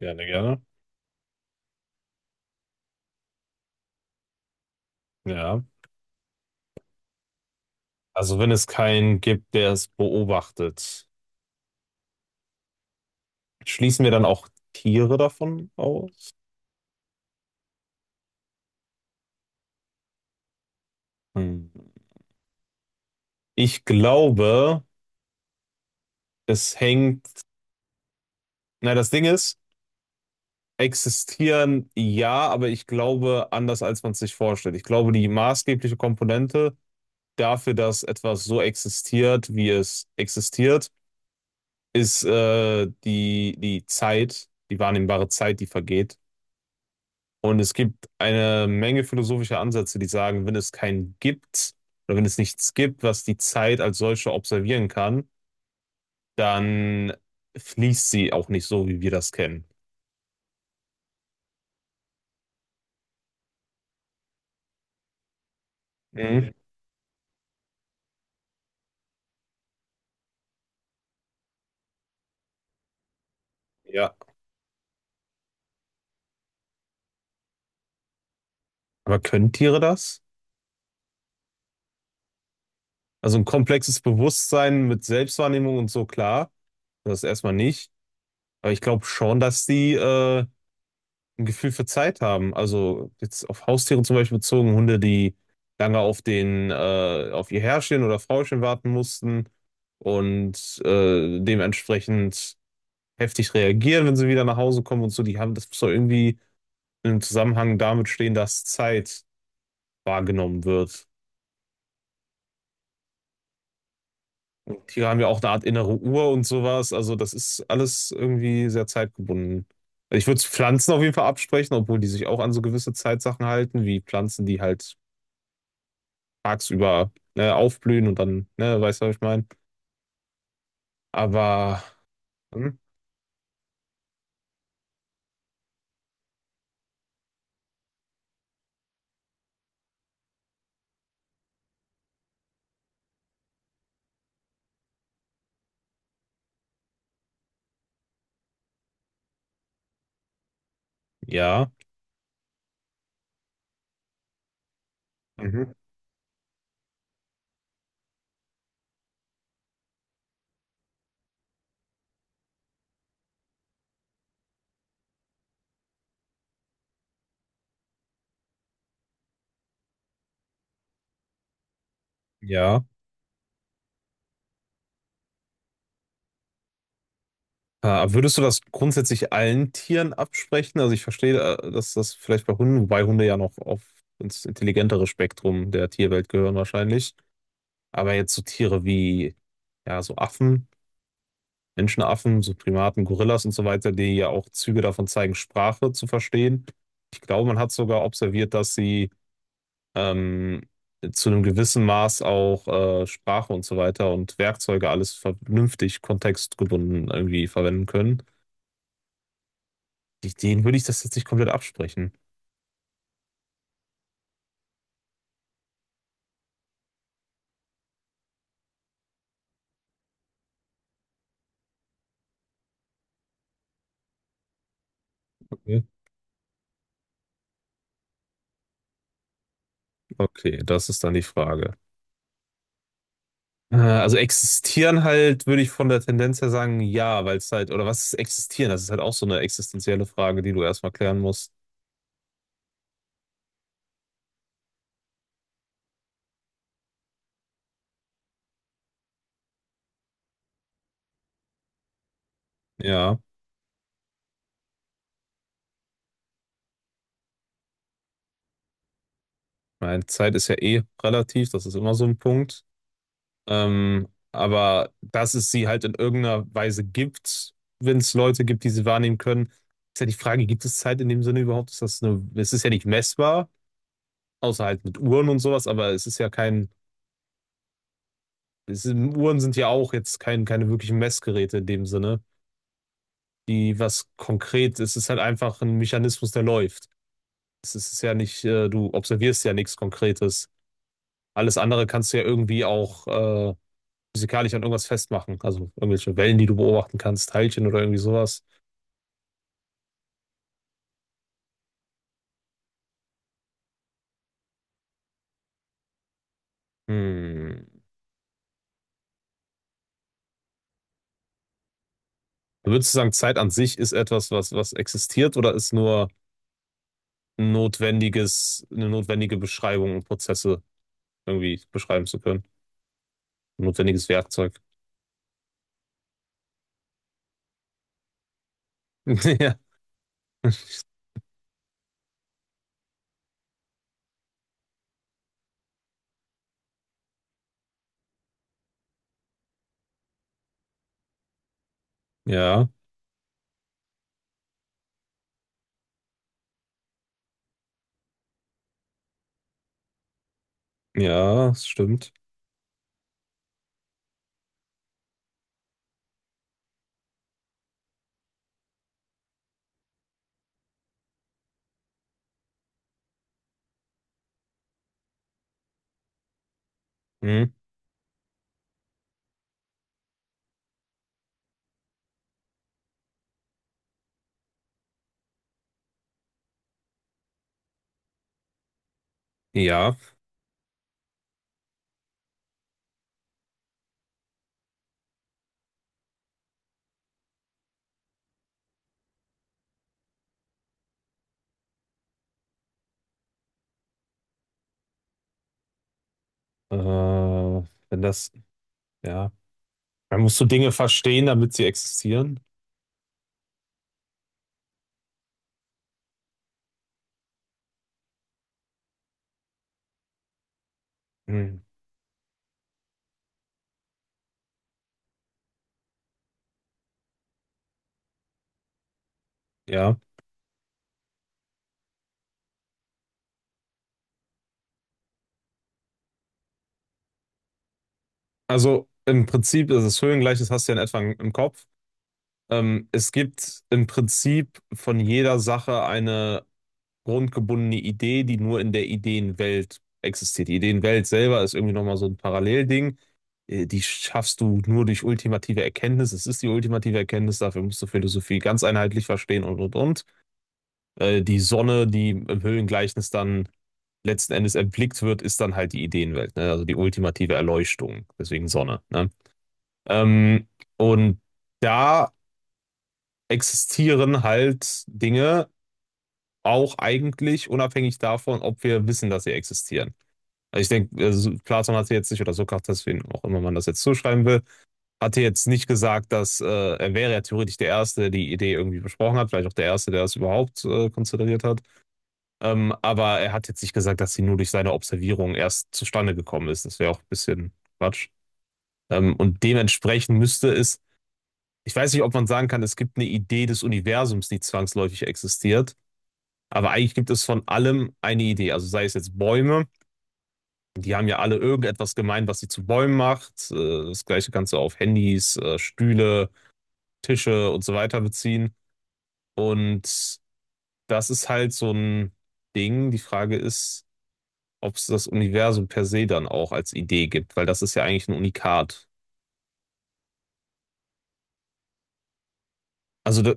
Gerne, gerne. Ja. Also wenn es keinen gibt, der es beobachtet, schließen wir dann auch Tiere davon aus? Hm. Ich glaube, es hängt. Na, das Ding ist, existieren ja, aber ich glaube anders, als man es sich vorstellt. Ich glaube, die maßgebliche Komponente dafür, dass etwas so existiert, wie es existiert, ist die, die Zeit, die wahrnehmbare Zeit, die vergeht. Und es gibt eine Menge philosophischer Ansätze, die sagen, wenn es keinen gibt oder wenn es nichts gibt, was die Zeit als solche observieren kann, dann fließt sie auch nicht so, wie wir das kennen. Mhm. Ja. Aber können Tiere das? Also ein komplexes Bewusstsein mit Selbstwahrnehmung und so, klar, das erstmal nicht. Aber ich glaube schon, dass die ein Gefühl für Zeit haben. Also jetzt auf Haustiere zum Beispiel bezogen, Hunde, die lange auf den, auf ihr Herrchen oder Frauchen warten mussten und dementsprechend heftig reagieren, wenn sie wieder nach Hause kommen und so, die haben, das muss doch irgendwie in einem Zusammenhang damit stehen, dass Zeit wahrgenommen wird. Tiere haben ja auch eine Art innere Uhr und sowas. Also das ist alles irgendwie sehr zeitgebunden. Also ich würde Pflanzen auf jeden Fall absprechen, obwohl die sich auch an so gewisse Zeitsachen halten, wie Pflanzen, die halt tagsüber ne, aufblühen und dann, ne, weißt du, was ich meine? Aber hm, ja, Mhm. Ja. Würdest du das grundsätzlich allen Tieren absprechen? Also ich verstehe, dass das vielleicht bei Hunden, wobei Hunde ja noch auf ins intelligentere Spektrum der Tierwelt gehören wahrscheinlich. Aber jetzt so Tiere wie, ja, so Affen, Menschenaffen, so Primaten, Gorillas und so weiter, die ja auch Züge davon zeigen, Sprache zu verstehen. Ich glaube, man hat sogar observiert, dass sie ähm, zu einem gewissen Maß auch Sprache und so weiter und Werkzeuge alles vernünftig kontextgebunden irgendwie verwenden können. Denen würde ich das jetzt nicht komplett absprechen. Okay. Okay, das ist dann die Frage. Also existieren halt, würde ich von der Tendenz her sagen, ja, weil es halt, oder was ist existieren? Das ist halt auch so eine existenzielle Frage, die du erstmal klären musst. Ja, meine Zeit ist ja eh relativ, das ist immer so ein Punkt. Aber dass es sie halt in irgendeiner Weise gibt, wenn es Leute gibt, die sie wahrnehmen können, ist ja die Frage, gibt es Zeit in dem Sinne überhaupt? Ist das eine, es ist ja nicht messbar, außer halt mit Uhren und sowas, aber es ist ja kein, es sind, Uhren sind ja auch jetzt kein, keine wirklichen Messgeräte in dem Sinne, die was konkret, es ist halt einfach ein Mechanismus, der läuft. Es ist ja nicht, du observierst ja nichts Konkretes. Alles andere kannst du ja irgendwie auch, physikalisch an irgendwas festmachen. Also irgendwelche Wellen, die du beobachten kannst, Teilchen oder irgendwie sowas. Hm. Würdest du sagen, Zeit an sich ist etwas, was, was existiert oder ist nur ein notwendiges, eine notwendige Beschreibung, um Prozesse irgendwie beschreiben zu können? Ein notwendiges Werkzeug. Ja, ja, ja, das stimmt. Hm. Ja, wenn das, ja, dann musst du Dinge verstehen, damit sie existieren. Hm. Ja, also im Prinzip ist das Höhengleichnis hast du ja in etwa im Kopf. Es gibt im Prinzip von jeder Sache eine grundgebundene Idee, die nur in der Ideenwelt existiert. Die Ideenwelt selber ist irgendwie nochmal so ein Parallelding. Die schaffst du nur durch ultimative Erkenntnis. Es ist die ultimative Erkenntnis, dafür musst du Philosophie ganz einheitlich verstehen und und. Die Sonne, die im Höhlengleichnis dann letzten Endes erblickt wird, ist dann halt die Ideenwelt, ne? Also die ultimative Erleuchtung, deswegen Sonne, ne? Ähm, und da existieren halt Dinge auch eigentlich unabhängig davon, ob wir wissen, dass sie existieren. Also ich denke, also Platon hatte jetzt nicht, oder Sokrates, wen auch immer man das jetzt zuschreiben will, hatte jetzt nicht gesagt, dass er wäre ja theoretisch der Erste, der die Idee irgendwie besprochen hat, vielleicht auch der Erste, der das überhaupt konzentriert hat. Aber er hat jetzt nicht gesagt, dass sie nur durch seine Observierung erst zustande gekommen ist. Das wäre auch ein bisschen Quatsch. Und dementsprechend müsste es, ich weiß nicht, ob man sagen kann, es gibt eine Idee des Universums, die zwangsläufig existiert. Aber eigentlich gibt es von allem eine Idee. Also sei es jetzt Bäume, die haben ja alle irgendetwas gemein, was sie zu Bäumen macht. Das gleiche kannst du auf Handys, Stühle, Tische und so weiter beziehen. Und das ist halt so ein Ding. Die Frage ist, ob es das Universum per se dann auch als Idee gibt, weil das ist ja eigentlich ein Unikat. Also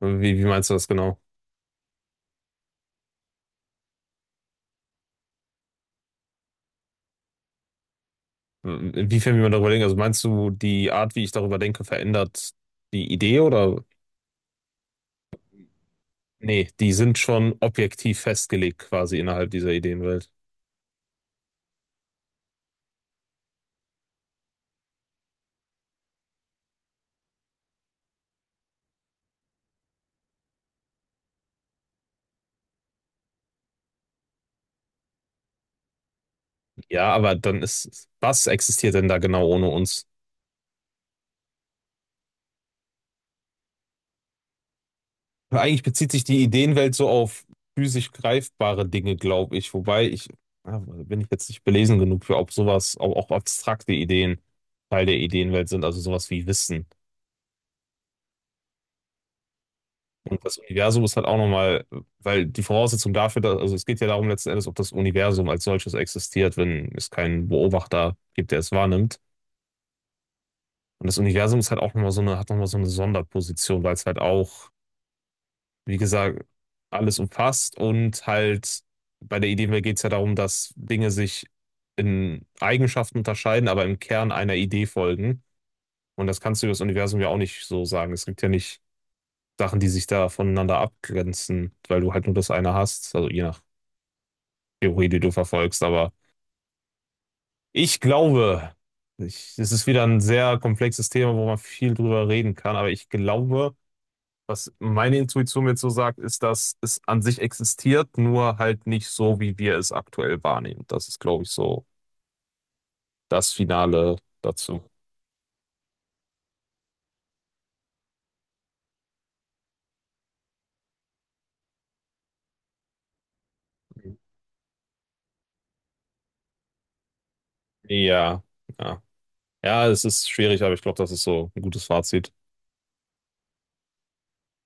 wie, wie meinst du das genau? Inwiefern, wie man darüber denkt? Also meinst du, die Art, wie ich darüber denke, verändert die Idee oder? Nee, die sind schon objektiv festgelegt quasi innerhalb dieser Ideenwelt. Ja, aber dann ist, was existiert denn da genau ohne uns? Eigentlich bezieht sich die Ideenwelt so auf physisch greifbare Dinge, glaube ich. Wobei ich, ah, bin ich jetzt nicht belesen genug für, ob sowas, auch, auch abstrakte Ideen Teil der Ideenwelt sind, also sowas wie Wissen. Und das Universum ist halt auch nochmal, weil die Voraussetzung dafür, dass, also es geht ja darum letzten Endes, ob das Universum als solches existiert, wenn es keinen Beobachter gibt, der es wahrnimmt. Und das Universum ist halt auch nochmal so eine, hat nochmal so eine Sonderposition, weil es halt auch, wie gesagt, alles umfasst und halt bei der Idee geht es ja darum, dass Dinge sich in Eigenschaften unterscheiden, aber im Kern einer Idee folgen. Und das kannst du über das Universum ja auch nicht so sagen. Es gibt ja nicht Sachen, die sich da voneinander abgrenzen, weil du halt nur das eine hast. Also je nach Theorie, die du verfolgst. Aber ich glaube, ich, es ist wieder ein sehr komplexes Thema, wo man viel drüber reden kann, aber ich glaube, was meine Intuition mir so sagt, ist, dass es an sich existiert, nur halt nicht so, wie wir es aktuell wahrnehmen. Das ist, glaube ich, so das Finale dazu. Ja, ja. Ja, es ist schwierig, aber ich glaube, das ist so ein gutes Fazit.